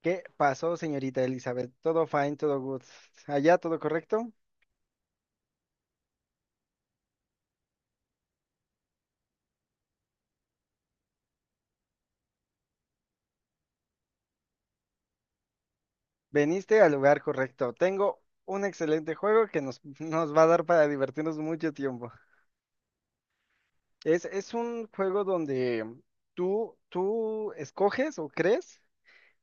¿Qué pasó, señorita Elizabeth? Todo fine, todo good. Allá todo correcto. Veniste al lugar correcto. Tengo un excelente juego que nos, nos va a dar para divertirnos mucho tiempo. Es un juego donde tú escoges o crees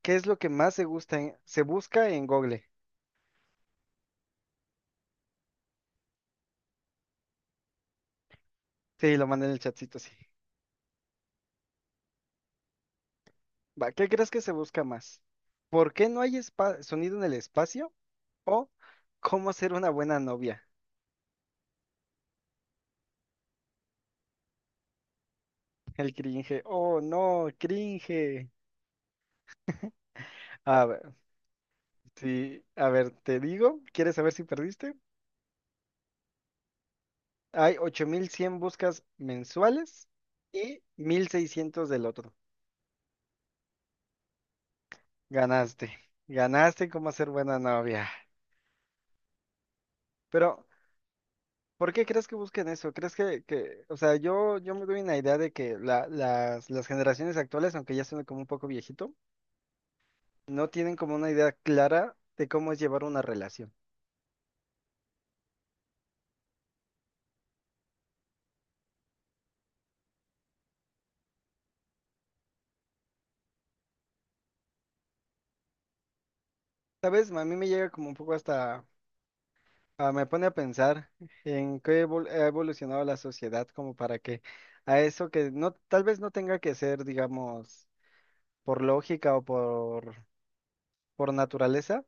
qué es lo que más se gusta, se busca en Google. Sí, lo mandé en el chatcito, sí. Va, ¿qué crees que se busca más? ¿Por qué no hay sonido en el espacio? ¿O cómo ser una buena novia? El cringe. Oh, no, cringe. A ver, sí, a ver, te digo, ¿quieres saber si perdiste? Hay 8.100 buscas mensuales y 1.600 del otro. Ganaste, ganaste cómo hacer buena novia. Pero, ¿por qué crees que busquen eso? ¿Crees que, o sea, yo me doy una idea de que las generaciones actuales, aunque ya son como un poco viejito, no tienen como una idea clara de cómo es llevar una relación? ¿Sabes? A mí me llega como un poco hasta... Ah, me pone a pensar en qué ha evolucionado la sociedad como para que a eso que no, tal vez no tenga que ser, digamos, por lógica o por naturaleza,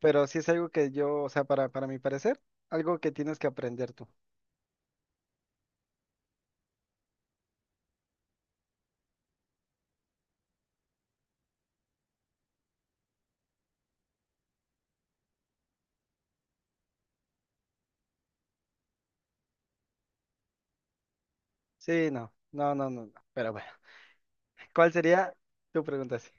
pero sí es algo que yo, o sea, para mi parecer, algo que tienes que aprender tú. Sí, no, no, no, no, no. Pero bueno, ¿cuál sería tu pregunta? Sí.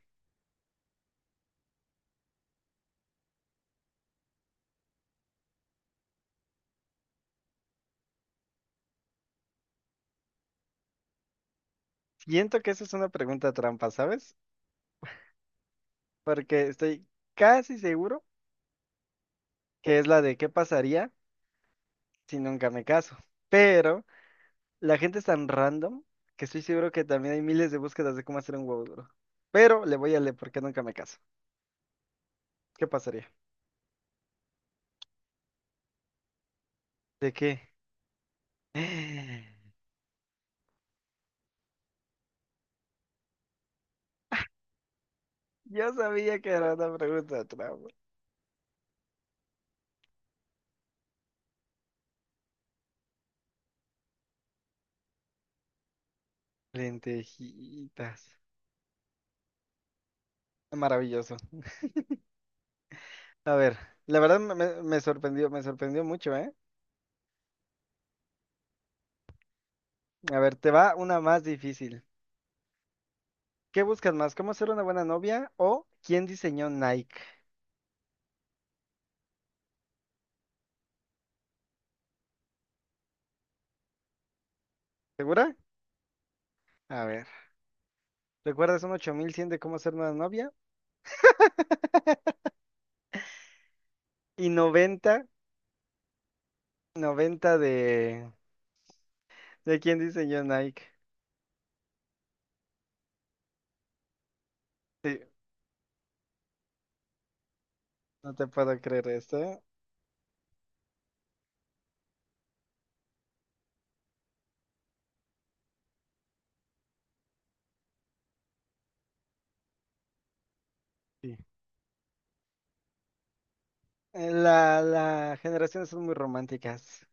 Siento que eso es una pregunta trampa, ¿sabes? Porque estoy casi seguro que es la de qué pasaría si nunca me caso, pero... La gente es tan random que estoy seguro que también hay miles de búsquedas de cómo hacer un huevo duro. Pero le voy a leer porque nunca me caso. ¿Qué pasaría? ¿De qué? Yo sabía que era una pregunta trampa. Lentejitas. Maravilloso. A ver, la verdad me, me sorprendió mucho, ¿eh? A ver, te va una más difícil. ¿Qué buscas más? ¿Cómo ser una buena novia o quién diseñó Nike? ¿Segura? A ver, ¿recuerdas un 8100 de cómo ser una novia? Y 90 90 de... ¿De quién diseñó Nike? Sí, no te puedo creer esto. Sí. La generaciones son muy románticas.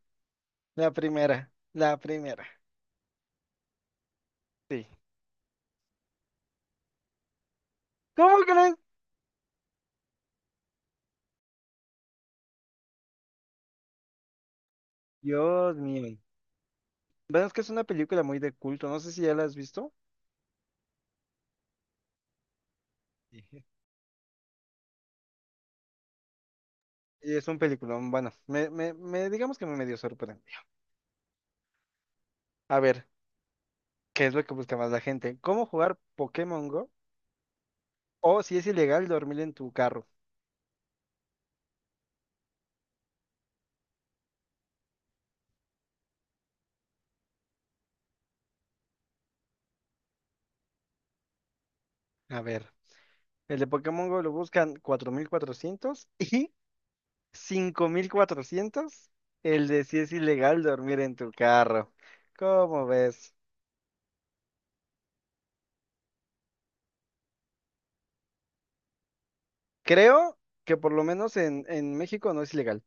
La primera, la primera. Sí. ¿Cómo crees? Dios mío. Bueno, es que es una película muy de culto. No sé si ya la has visto. Sí. Y es un peliculón. Bueno, me, digamos que me medio sorprendió. A ver, ¿qué es lo que busca más la gente? ¿Cómo jugar Pokémon Go? ¿O si es ilegal dormir en tu carro? A ver. El de Pokémon Go lo buscan cuatro mil cuatrocientos, y 5400. El de si es ilegal dormir en tu carro. ¿Cómo ves? Creo que por lo menos en México no es ilegal.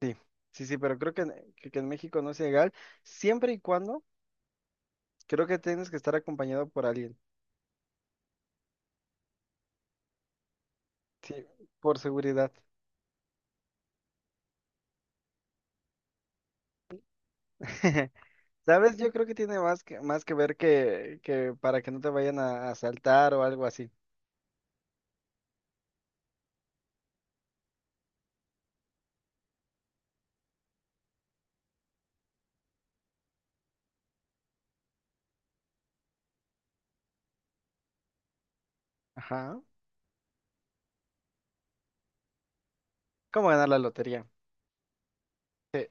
Sí, sí, sí, pero creo que, que en México no es ilegal. Siempre y cuando, creo que tienes que estar acompañado por alguien. Sí, por seguridad. ¿Sabes? Yo creo que tiene más que ver que para que no te vayan a asaltar o algo así. Ajá. ¿Cómo ganar la lotería? Sí.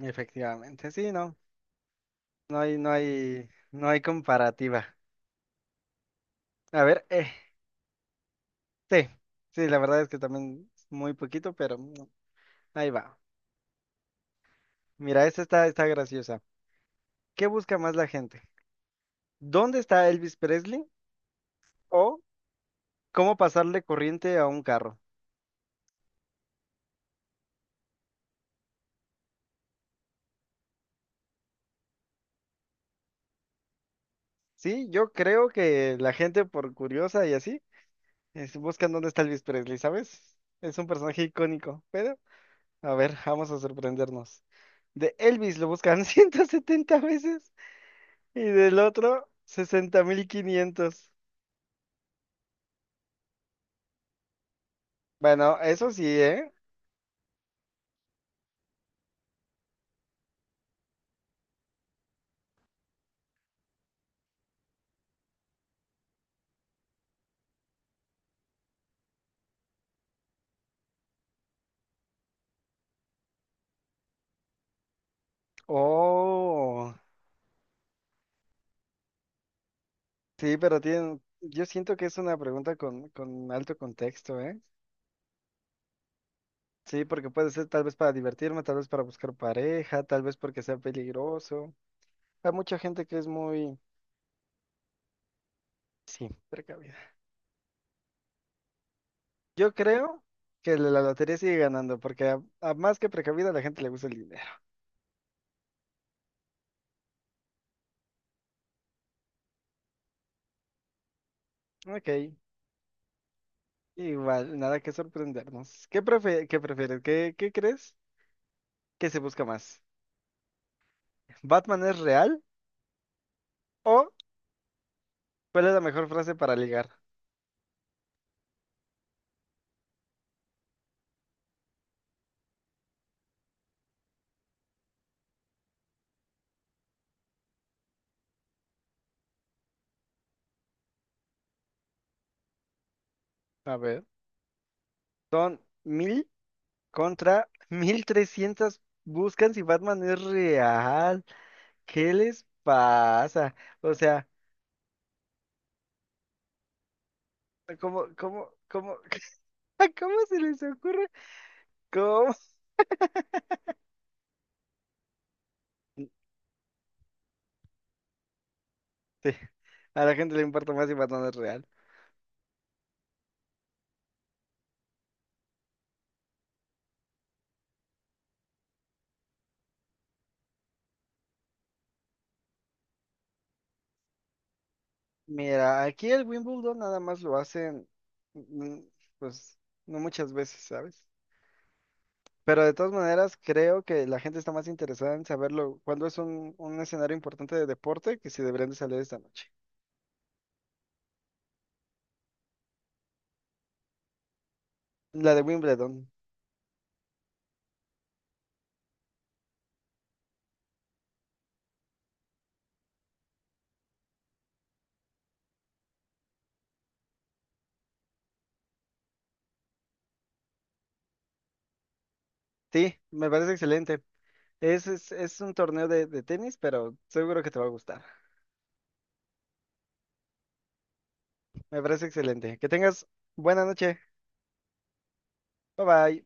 Efectivamente, sí, no, no hay, no hay, no hay comparativa. A ver, sí, sí, la verdad es que también es muy poquito, pero ahí va. Mira, esta está, está graciosa. ¿Qué busca más la gente? ¿Dónde está Elvis Presley? ¿O cómo pasarle corriente a un carro? Sí, yo creo que la gente por curiosa y así, es, buscan dónde está Elvis Presley, ¿sabes? Es un personaje icónico, pero a ver, vamos a sorprendernos. De Elvis lo buscan 170 veces. Y del otro, sesenta mil quinientos. Bueno, eso sí, ¿eh? Oh, sí, pero tienen, yo siento que es una pregunta con alto contexto, ¿eh? Sí, porque puede ser tal vez para divertirme, tal vez para buscar pareja, tal vez porque sea peligroso. Hay mucha gente que es muy, sí, precavida. Yo creo que la la lotería sigue ganando, porque a más que precavida a la gente le gusta el dinero. Ok, igual, nada que sorprendernos. ¿Qué qué prefieres? ¿Qué, qué crees que se busca más? ¿Batman es real? ¿O cuál es la mejor frase para ligar? A ver. Son mil contra mil trescientas. Buscan si Batman es real. ¿Qué les pasa? O sea, ¿cómo, cómo, cómo, cómo se les ocurre? ¿Cómo? Sí, a la gente le importa más si Batman es real. Mira, aquí el Wimbledon nada más lo hacen, mm, pues, no muchas veces, ¿sabes? Pero de todas maneras, creo que la gente está más interesada en saberlo cuando es un escenario importante de deporte que si deberían de salir esta noche. La de Wimbledon. Sí, me parece excelente. Es, es un torneo de tenis, pero seguro que te va a gustar. Me parece excelente. Que tengas buena noche. Bye bye.